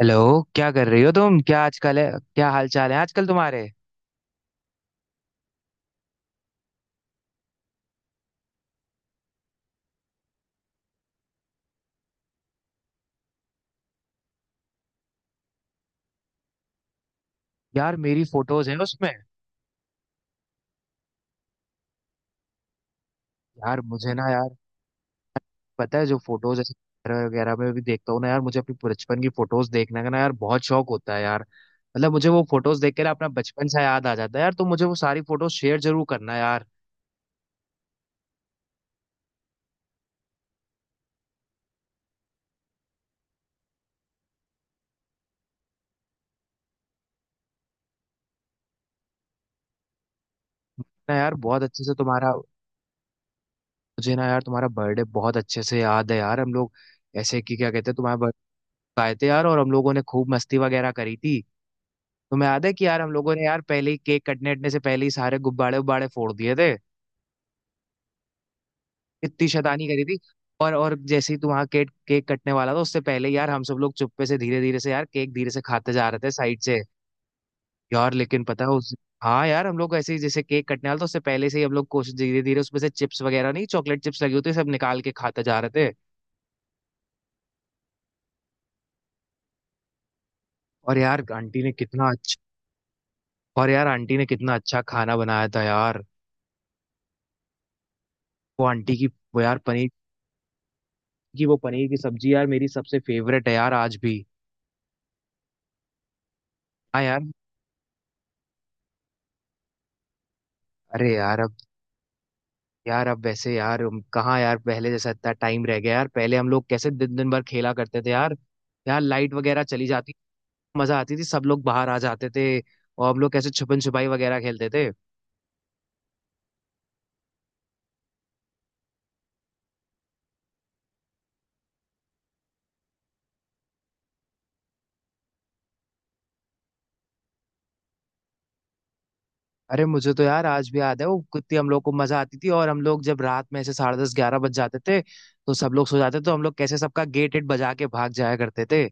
Hello. क्या कर रही हो तुम, क्या आजकल, है क्या हाल चाल है आजकल तुम्हारे? यार मेरी फोटोज हैं उसमें। यार मुझे ना यार। पता है, जो फोटोज ऐसे वगैरह वगैरह में भी देखता हूँ ना यार, मुझे अपनी बचपन की फोटोज देखने का ना यार बहुत शौक होता है यार। मतलब मुझे वो फोटोज देख के ना अपना बचपन सा याद आ जाता है यार। तुम मुझे वो सारी फोटोज शेयर जरूर करना यार। ना यार, बहुत अच्छे से तुम्हारा। मुझे ना यार तुम्हारा बर्थडे बहुत अच्छे से याद है यार। हम लोग ऐसे कि क्या कहते हैं, तुम्हारे बर्थडे आए थे यार, और हम लोगों ने खूब मस्ती वगैरह करी थी। तुम्हें याद है कि यार हम लोगों ने यार पहले ही, केक कटने अटने से पहले ही सारे गुब्बारे उब्बारे फोड़ दिए थे। इतनी शैतानी करी थी। और जैसे ही तू वहाँ केक केक कटने वाला था, उससे पहले यार हम सब लोग चुप्पे से धीरे धीरे से यार केक धीरे से खाते जा रहे थे साइड से। यार लेकिन पता है उस। हाँ यार, हम लोग ऐसे ही, जैसे केक कटने वाला था उससे पहले से ही हम लोग कोशिश, धीरे धीरे उसमें से चिप्स वगैरह नहीं, चॉकलेट चिप्स लगी होती है, सब निकाल के खाते जा रहे थे। और यार आंटी ने कितना अच्छा। और यार आंटी ने कितना अच्छा खाना बनाया था यार। वो आंटी की, वो यार पनीर की, वो पनीर की सब्जी यार मेरी सबसे फेवरेट है यार आज भी। हाँ यार। अरे यार अब, यार अब वैसे यार कहाँ यार पहले जैसा इतना टाइम रह गया? यार पहले हम लोग कैसे दिन दिन भर खेला करते थे यार। यार लाइट वगैरह चली जाती, मजा आती थी, सब लोग बाहर आ जाते थे और हम लोग कैसे छुपन छुपाई वगैरह खेलते थे। अरे मुझे तो यार आज भी याद है, वो कितनी हम लोग को मजा आती थी। और हम लोग जब रात में ऐसे 10:30-11 बज जाते थे तो सब लोग सो जाते थे, तो हम लोग कैसे सबका गेट एट बजा के भाग जाया करते थे।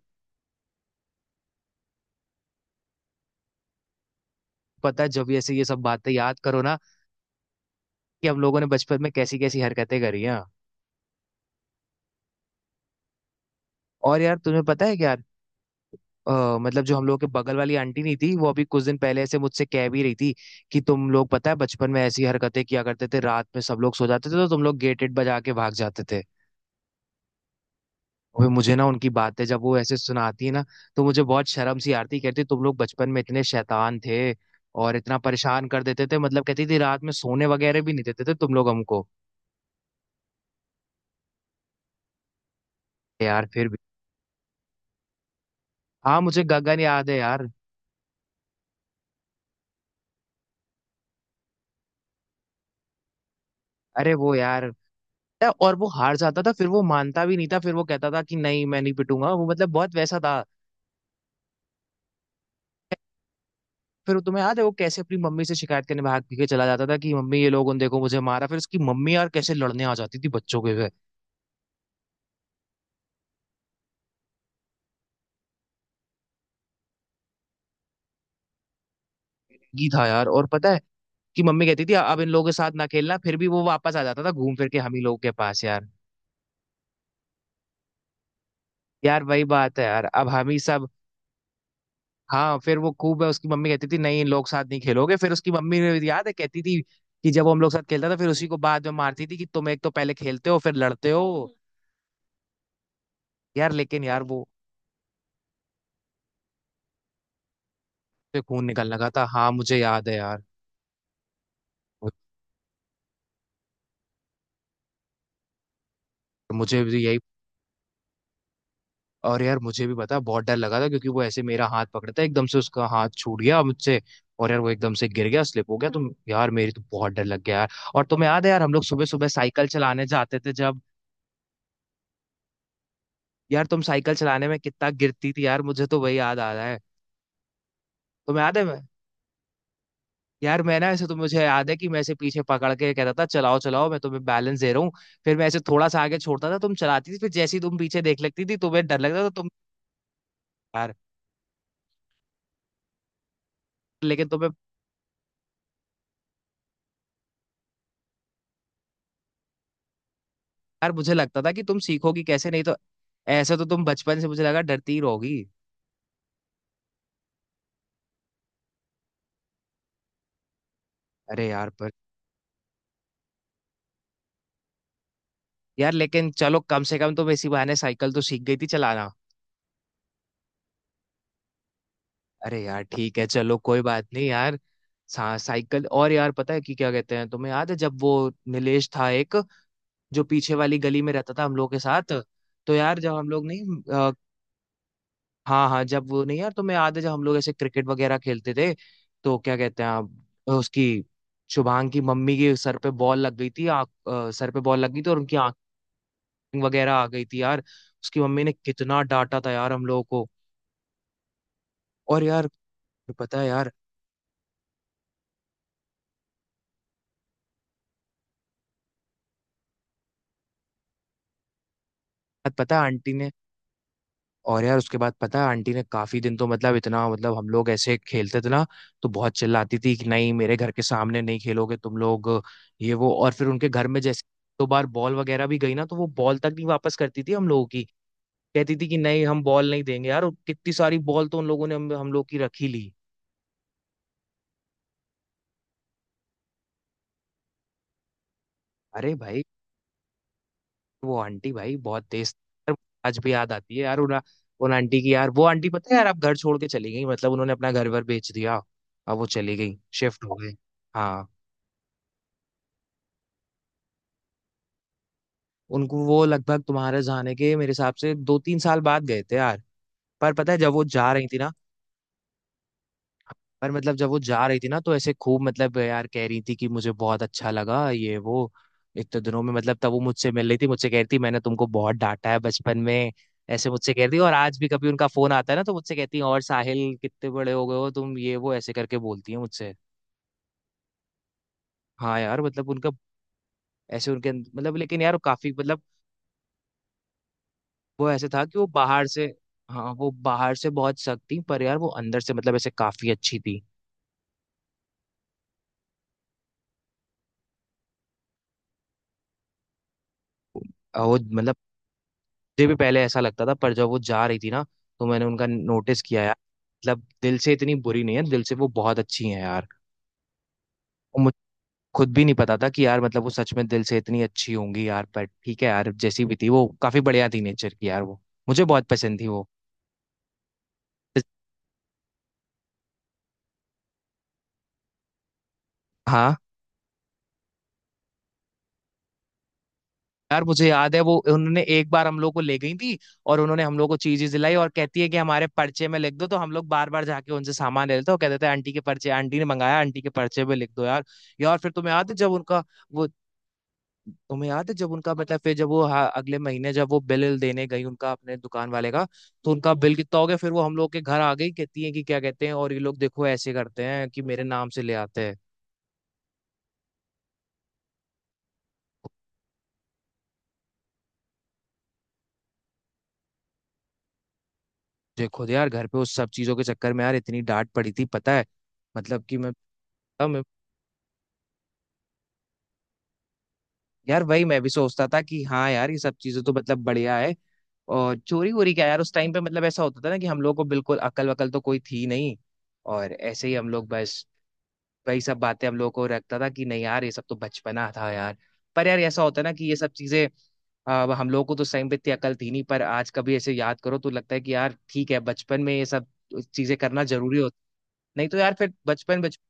पता है, जब ये ऐसे ये सब बातें याद करो ना कि हम लोगों ने बचपन में कैसी कैसी हरकतें करी हैं। और यार तुम्हें पता है क्या? मतलब जो हम लोग के बगल वाली आंटी नहीं थी, वो अभी कुछ दिन पहले ऐसे मुझसे कह भी रही थी कि तुम लोग पता है बचपन में ऐसी हरकतें किया करते थे, रात में सब लोग सो जाते थे तो तुम लोग गेट वेट बजा के भाग जाते थे। वो मुझे ना उनकी बातें जब वो ऐसे सुनाती है ना तो मुझे बहुत शर्म सी आती, कहती तुम लोग बचपन में इतने शैतान थे और इतना परेशान कर देते थे, मतलब कहती थी रात में सोने वगैरह भी नहीं देते थे तुम लोग हमको। यार फिर भी। हाँ, मुझे गगन याद है यार। अरे वो यार। और वो हार जाता था, फिर वो मानता भी नहीं था, फिर वो कहता था कि नहीं मैं नहीं पिटूंगा, वो मतलब बहुत वैसा था। फिर तुम्हें याद है वो कैसे अपनी मम्मी से शिकायत करने भाग के चला जाता था कि मम्मी ये लोग उन देखो मुझे मारा, फिर उसकी मम्मी यार कैसे लड़ने आ जाती थी बच्चों के लिए। ये था यार। और पता है कि मम्मी कहती थी अब इन लोगों के साथ ना खेलना, फिर भी वो वापस आ जाता था घूम फिर के हम ही लोगों के पास यार। यार वही बात है यार, अब हम ही सब। हाँ, फिर वो खूब है, उसकी मम्मी कहती थी नहीं इन लोग साथ नहीं खेलोगे। फिर उसकी मम्मी ने याद है कहती थी कि जब वो हम लोग साथ खेलता था, फिर उसी को बाद में मारती थी कि तुम एक तो पहले खेलते हो, फिर लड़ते हो। यार लेकिन यार वो। उससे खून निकलने लगा था, हाँ मुझे याद है यार। मुझे भी यही। और यार मुझे भी पता, बहुत डर लगा था क्योंकि वो ऐसे मेरा हाथ पकड़ता है, एकदम से उसका हाथ छूट गया मुझसे, और यार वो एकदम से गिर गया, स्लिप हो गया तो यार मेरी तो बहुत डर लग गया यार। और तुम्हें याद है यार, हम लोग सुबह सुबह साइकिल चलाने जाते थे जब। यार तुम साइकिल चलाने में कितना गिरती थी यार, मुझे तो वही याद आ रहा है। तुम्हें याद है मैं। यार मैं ना, ऐसे तो मुझे याद है कि मैं ऐसे पीछे पकड़ के कहता था चलाओ चलाओ, मैं तुम्हें बैलेंस दे रहा हूँ। फिर मैं ऐसे थोड़ा सा आगे छोड़ता था, तुम चलाती थी, फिर जैसे ही तुम पीछे देख लेती थी तुम्हें डर लगता था तुम। यार लेकिन तुम्हें। यार, मुझे लगता था कि तुम सीखोगी कैसे, नहीं तो ऐसे तो तुम बचपन से मुझे लगा डरती ही रहोगी। अरे यार पर। यार लेकिन चलो, कम से कम तुम इसी बहाने साइकिल तो सीख गई थी चलाना। अरे यार ठीक है, चलो कोई बात नहीं यार। साइकिल। और यार पता है कि क्या कहते हैं, तुम्हें याद है जब वो नीलेश था एक, जो पीछे वाली गली में रहता था हम लोग के साथ? तो यार जब हम लोग नहीं। हाँ हाँ, जब वो नहीं यार तुम्हें याद है जब हम लोग ऐसे क्रिकेट वगैरह खेलते थे? तो क्या कहते हैं आप, उसकी शुभांग की मम्मी के सर पे बॉल लग गई थी सर पे बॉल लग गई थी और उनकी आँख वगैरह आ गई थी यार। उसकी मम्मी ने कितना डांटा था यार हम लोगों को। और यार पता है। यार पता है आंटी ने। और यार उसके बाद पता है आंटी ने काफी दिन तो मतलब इतना, मतलब हम लोग ऐसे खेलते थे ना, तो बहुत चिल्लाती थी कि नहीं मेरे घर के सामने नहीं खेलोगे तुम लोग। ये वो, और फिर उनके घर में जैसे 2 बार बॉल वगैरह भी गई ना, तो वो बॉल तक नहीं वापस करती थी हम लोगों की। कहती थी कि नहीं हम बॉल नहीं देंगे यार, और कितनी सारी बॉल तो उन लोगों ने हम लोग की रखी ली। अरे भाई, वो आंटी भाई बहुत तेज। यार, आज भी याद आती है यार उन उन आंटी की यार, वो आंटी पता है यार आप घर छोड़ के चली गई, मतलब उन्होंने अपना घर वर बेच दिया। अब वो चली गई, शिफ्ट हो गई। हाँ। उनको वो लगभग तुम्हारे जाने के मेरे हिसाब से 2-3 साल बाद गए थे यार। पर पता है जब वो जा रही थी ना, पर मतलब जब वो जा रही थी ना तो ऐसे खूब मतलब यार कह रही थी कि मुझे बहुत अच्छा लगा ये वो इतने दिनों में, मतलब तब वो मुझसे मिल रही थी, मुझसे कह रही थी मैंने तुमको बहुत डांटा है बचपन में, ऐसे मुझसे कह रही थी। और आज भी कभी उनका फोन आता है ना तो मुझसे कहती है और साहिल कितने बड़े हो गए हो तुम, ये वो ऐसे करके बोलती है मुझसे। हाँ यार मतलब उनका, ऐसे उनके मतलब लेकिन यार वो काफी मतलब, वो ऐसे था कि वो बाहर से। हाँ, वो बाहर से बहुत सख्त थी, पर यार वो अंदर से मतलब ऐसे काफी अच्छी थी। वो मतलब मुझे भी पहले ऐसा लगता था, पर जब वो जा रही थी ना तो मैंने उनका नोटिस किया यार, मतलब दिल से इतनी बुरी नहीं है, दिल से वो बहुत अच्छी है यार। और मुझे खुद भी नहीं पता था कि यार मतलब वो सच में दिल से इतनी अच्छी होंगी यार, पर ठीक है यार जैसी भी थी वो काफी बढ़िया थी नेचर की यार, वो मुझे बहुत पसंद थी वो। हाँ। यार मुझे याद है वो, उन्होंने एक बार हम लोग को ले गई थी, और उन्होंने हम लोग को चीजें दिलाई और कहती है कि हमारे पर्चे में लिख दो, तो हम लोग बार बार जाके उनसे सामान ले लेते और कहते थे आंटी के पर्चे, आंटी ने मंगाया, आंटी के पर्चे में लिख दो यार। यार फिर तुम्हें याद है जब उनका वो, तुम्हें याद है जब उनका, मतलब फिर जब वो, हाँ, अगले महीने जब वो बिल देने गई उनका अपने दुकान वाले का, तो उनका बिल कितना हो गया, फिर वो हम लोग के घर आ गई, कहती है कि क्या कहते हैं, और ये लोग देखो ऐसे करते हैं कि मेरे नाम से ले आते हैं। देखो तो यार घर पे उस सब चीजों के चक्कर में यार इतनी डांट पड़ी थी पता है, मतलब कि मैं। यार वही मैं भी सोचता था कि हाँ यार ये सब चीजें तो मतलब बढ़िया है। और चोरी वोरी क्या यार, उस टाइम पे मतलब ऐसा होता था ना कि हम लोग को बिल्कुल अकल वकल तो कोई थी नहीं। और ऐसे ही हम लोग बस वही सब बातें, हम लोग को रखता था कि नहीं यार ये सब तो बचपना था यार। पर यार ऐसा होता है ना कि ये सब चीजें। अब हम लोगों को तो उस टाइम पे इतनी अकल थी नहीं, पर आज कभी ऐसे याद करो तो लगता है कि यार ठीक है, बचपन में ये सब चीजें करना जरूरी होती, नहीं तो यार फिर बचपन बचपन।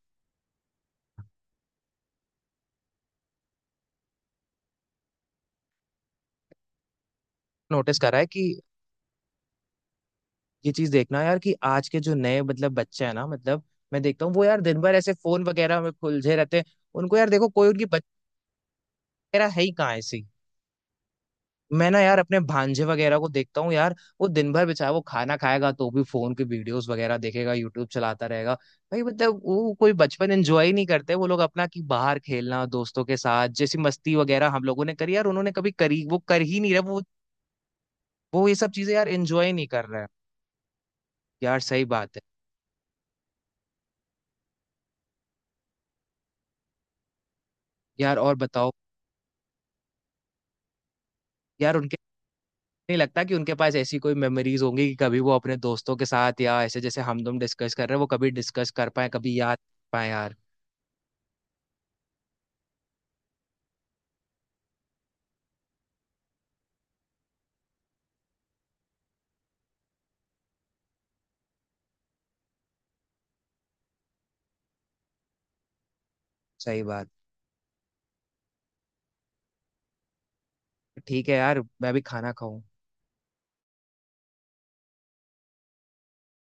नोटिस करा है कि ये चीज देखना यार कि आज के जो नए मतलब बच्चे हैं ना, मतलब मैं देखता हूँ वो यार दिन भर ऐसे फोन वगैरह में उलझे रहते हैं। उनको यार देखो, कोई उनकी बच्चे वगैरह है ही कहाँ ऐसी, मैं ना यार अपने भांजे वगैरह को देखता हूँ यार। वो दिन भर बेचारा, वो खाना खाएगा तो भी फोन की वीडियोस वगैरह देखेगा, यूट्यूब चलाता रहेगा भाई, मतलब वो कोई बचपन एंजॉय नहीं करते वो लोग अपना, कि बाहर खेलना दोस्तों के साथ जैसी मस्ती वगैरह हम लोगों ने करी यार, उन्होंने कभी करी? वो कर ही नहीं रहे वो। वो ये सब चीजें यार एंजॉय नहीं कर रहे हैं, यार सही बात है। यार और बताओ। यार उनके, नहीं लगता कि उनके पास ऐसी कोई मेमोरीज होंगी कि कभी वो अपने दोस्तों के साथ, या ऐसे जैसे हम तुम डिस्कस कर रहे हैं वो कभी डिस्कस कर पाए, कभी याद कर पाए यार। सही बात, ठीक है यार मैं भी खाना खाऊं।